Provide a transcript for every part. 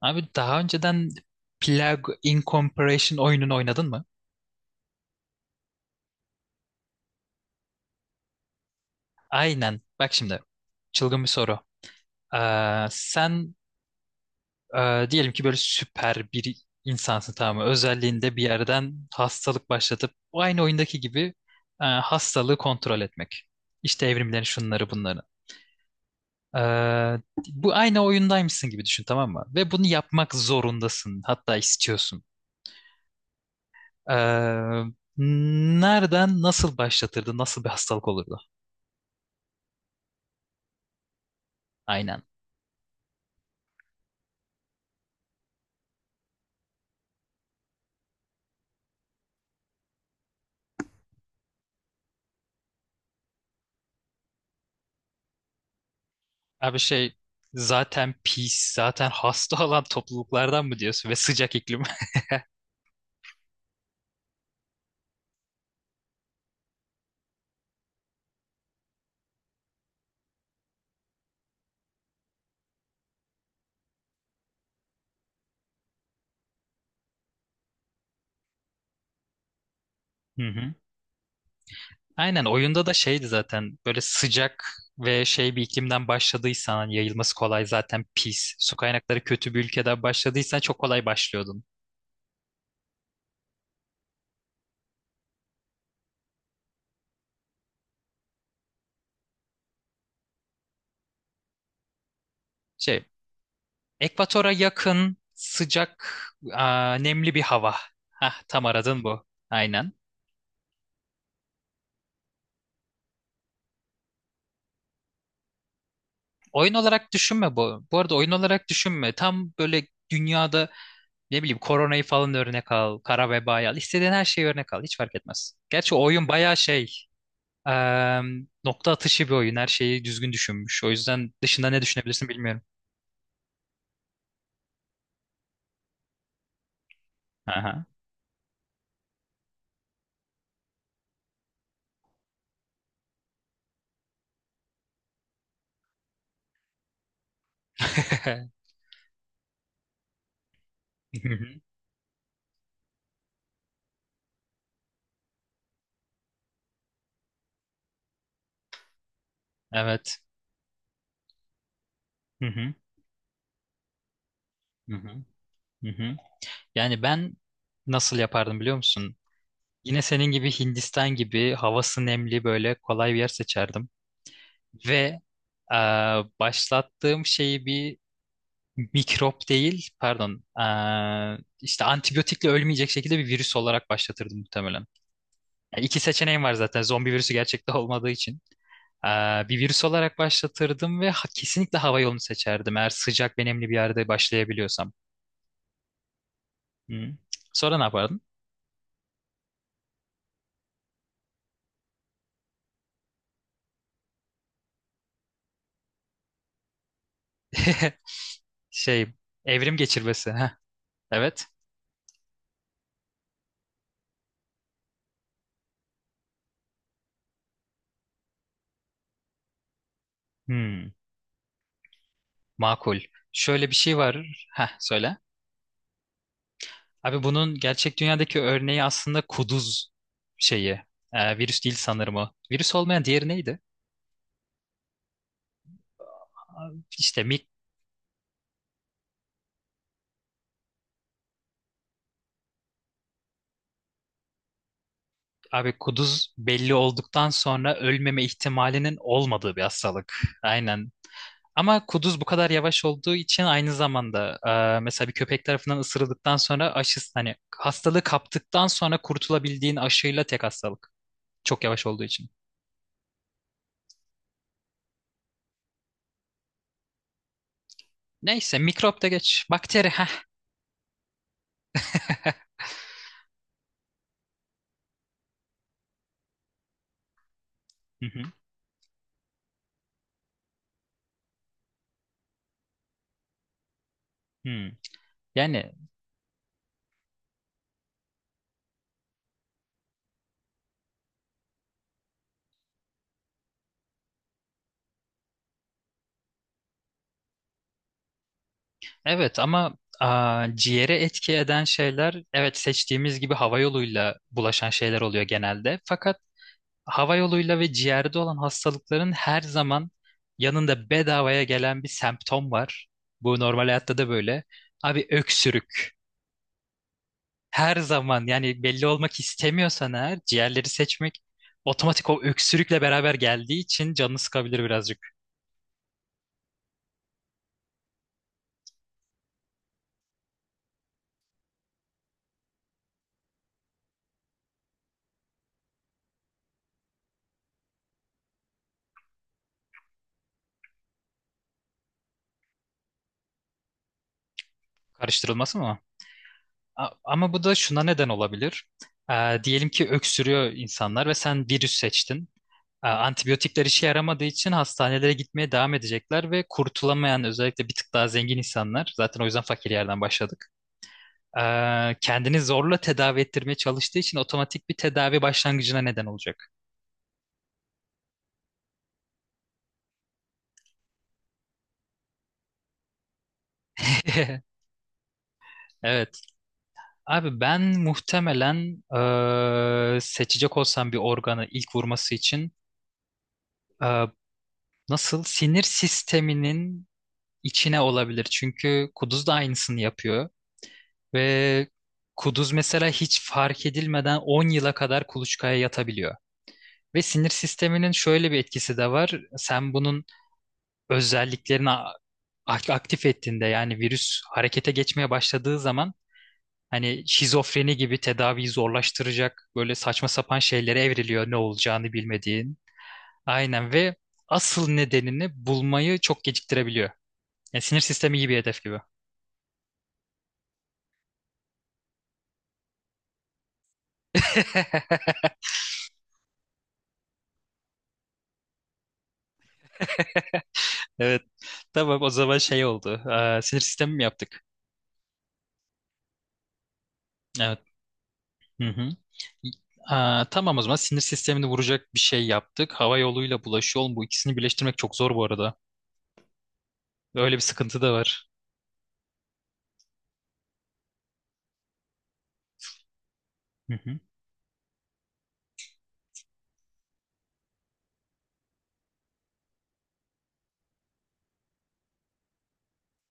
Abi daha önceden Plague Incorporation oyununu oynadın mı? Aynen. Bak şimdi. Çılgın bir soru. Ee, sen e, diyelim ki böyle süper bir insansın tamam mı? Özelliğinde bir yerden hastalık başlatıp o aynı oyundaki gibi e, hastalığı kontrol etmek. İşte evrimlerin şunları bunları. Ee, bu aynı oyundaymışsın gibi düşün tamam mı? Ve bunu yapmak zorundasın. Hatta istiyorsun. Ee, nereden nasıl başlatırdı? Nasıl bir hastalık olurdu? Aynen. Abi şey zaten pis, zaten hasta olan topluluklardan mı diyorsun ve sıcak iklim. Hı hı. Aynen oyunda da şeydi zaten böyle sıcak ve şey bir iklimden başladıysan hani yayılması kolay zaten pis. Su kaynakları kötü bir ülkeden başladıysan çok kolay başlıyordun. Şey Ekvatora yakın, sıcak, aa, nemli bir hava. Hah, tam aradın bu. Aynen. Oyun olarak düşünme bu. Bu arada oyun olarak düşünme. Tam böyle dünyada ne bileyim koronayı falan örnek al, kara vebayı al. İstediğin her şeyi örnek al. Hiç fark etmez. Gerçi o oyun bayağı şey, eee, nokta atışı bir oyun. Her şeyi düzgün düşünmüş. O yüzden dışında ne düşünebilirsin bilmiyorum. Aha. Evet. Hı hı. Hı hı. Hı hı. Yani ben nasıl yapardım biliyor musun? Yine senin gibi Hindistan gibi havası nemli böyle kolay bir yer seçerdim. Ve eee, başlattığım şeyi bir mikrop değil, pardon, eee, işte antibiyotikle ölmeyecek şekilde bir virüs olarak başlatırdım muhtemelen. Yani iki seçeneğim var zaten zombi virüsü gerçekte olmadığı için. Eee, bir virüs olarak başlatırdım ve ha- kesinlikle hava yolunu seçerdim eğer sıcak ve nemli bir yerde başlayabiliyorsam. Hı. Sonra ne yapardın? Şey, evrim geçirmesi. Heh, evet. Hmm. Makul. Şöyle bir şey var. Heh, söyle. Abi bunun gerçek dünyadaki örneği aslında kuduz şeyi. Ee, virüs değil sanırım o. Virüs olmayan diğeri neydi? Abi İşte mik abi kuduz belli olduktan sonra ölmeme ihtimalinin olmadığı bir hastalık. Aynen. Ama kuduz bu kadar yavaş olduğu için aynı zamanda e, mesela bir köpek tarafından ısırıldıktan sonra aşısı hani hastalığı kaptıktan sonra kurtulabildiğin aşıyla tek hastalık. Çok yavaş olduğu için. Neyse mikrop da geç. Bakteri. Hı hı. Hı. Yani evet ama aa, ciğere etki eden şeyler evet seçtiğimiz gibi hava yoluyla bulaşan şeyler oluyor genelde. Fakat hava yoluyla ve ciğerde olan hastalıkların her zaman yanında bedavaya gelen bir semptom var. Bu normal hayatta da böyle. Abi öksürük. Her zaman yani belli olmak istemiyorsan eğer ciğerleri seçmek otomatik o öksürükle beraber geldiği için canını sıkabilir birazcık. Karıştırılması mı? A- Ama bu da şuna neden olabilir. Ee, diyelim ki öksürüyor insanlar ve sen virüs seçtin. Ee, antibiyotikler işe yaramadığı için hastanelere gitmeye devam edecekler ve kurtulamayan özellikle bir tık daha zengin insanlar zaten o yüzden fakir yerden başladık. Ee, kendini zorla tedavi ettirmeye çalıştığı için otomatik bir tedavi başlangıcına neden olacak. Evet. Abi ben muhtemelen eee, seçecek olsam bir organı ilk vurması için eee, nasıl sinir sisteminin içine olabilir. Çünkü kuduz da aynısını yapıyor ve kuduz mesela hiç fark edilmeden 10 yıla kadar kuluçkaya yatabiliyor. Ve sinir sisteminin şöyle bir etkisi de var. Sen bunun özelliklerini a- aktif ettiğinde yani virüs harekete geçmeye başladığı zaman hani şizofreni gibi tedaviyi zorlaştıracak böyle saçma sapan şeylere evriliyor ne olacağını bilmediğin. Aynen ve asıl nedenini bulmayı çok geciktirebiliyor. Yani sinir sistemi iyi bir hedef gibi. Tamam o zaman şey oldu. Aa, sinir sistemi mi yaptık? Evet. Hı hı. Aa, tamam o zaman sinir sistemini vuracak bir şey yaptık. Hava yoluyla bulaşı yol bu ikisini birleştirmek çok zor bu arada. Öyle bir sıkıntı da var. Hı hı.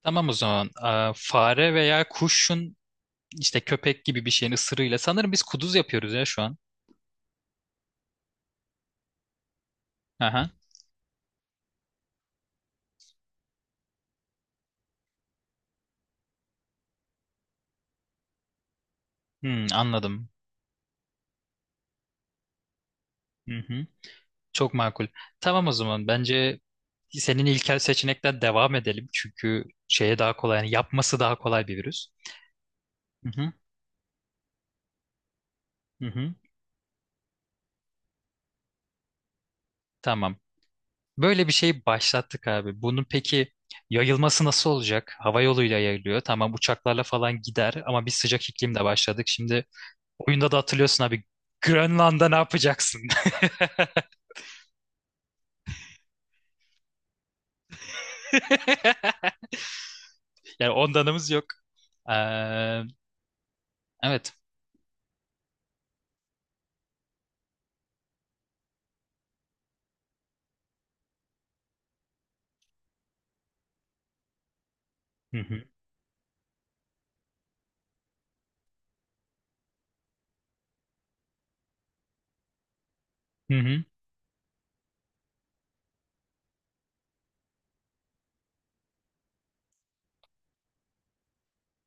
Tamam o zaman Aa, fare veya kuşun işte köpek gibi bir şeyin ısırığıyla sanırım biz kuduz yapıyoruz ya şu an. Aha. Hmm, anladım. Hı hı. Çok makul. Tamam o zaman bence senin ilkel seçenekten devam edelim. Çünkü şeye daha kolay yani yapması daha kolay bir virüs. Hı hı. Hı hı. Tamam. Böyle bir şey başlattık abi. Bunun peki yayılması nasıl olacak? Hava yoluyla yayılıyor. Tamam uçaklarla falan gider ama biz sıcak iklimde başladık. Şimdi oyunda da hatırlıyorsun abi Grönland'da ne yapacaksın? Yani ondanımız yok. Ee, evet. Hı hı. Hı hı.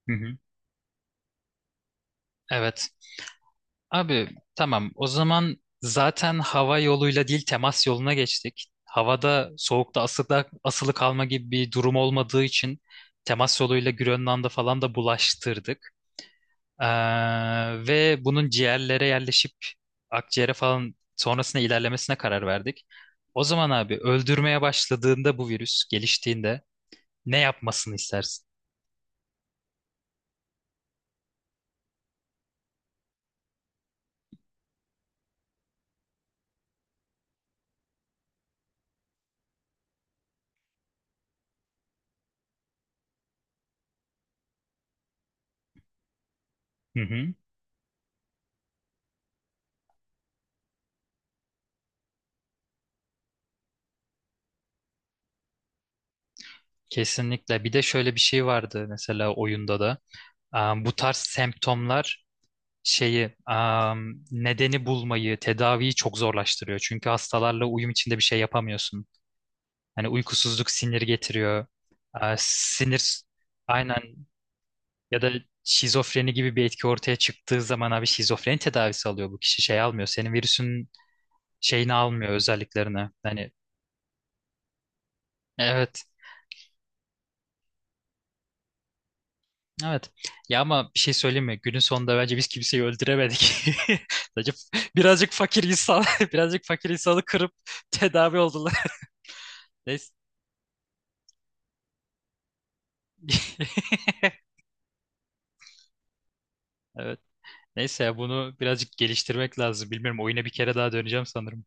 Hı hı. Evet. Abi tamam o zaman zaten hava yoluyla değil temas yoluna geçtik. Havada soğukta asılı, asılı kalma gibi bir durum olmadığı için temas yoluyla Grönland'a falan da bulaştırdık. Ee, ve bunun ciğerlere yerleşip akciğere falan sonrasında ilerlemesine karar verdik. O zaman abi öldürmeye başladığında bu virüs geliştiğinde ne yapmasını istersin? Hı hı, kesinlikle. Bir de şöyle bir şey vardı mesela oyunda da. Ee, bu tarz semptomlar şeyi am, nedeni bulmayı, tedaviyi çok zorlaştırıyor. Çünkü hastalarla uyum içinde bir şey yapamıyorsun. Hani uykusuzluk sinir getiriyor. Ee, sinir aynen ya da şizofreni gibi bir etki ortaya çıktığı zaman abi şizofreni tedavisi alıyor bu kişi şey almıyor. Senin virüsün şeyini almıyor özelliklerini. Hani evet. Evet. Ya ama bir şey söyleyeyim mi? Günün sonunda bence biz kimseyi öldüremedik. Sadece birazcık fakir insan, birazcık fakir insanı kırıp tedavi oldular. Neyse. Evet. Neyse ya bunu birazcık geliştirmek lazım. Bilmiyorum oyuna bir kere daha döneceğim sanırım.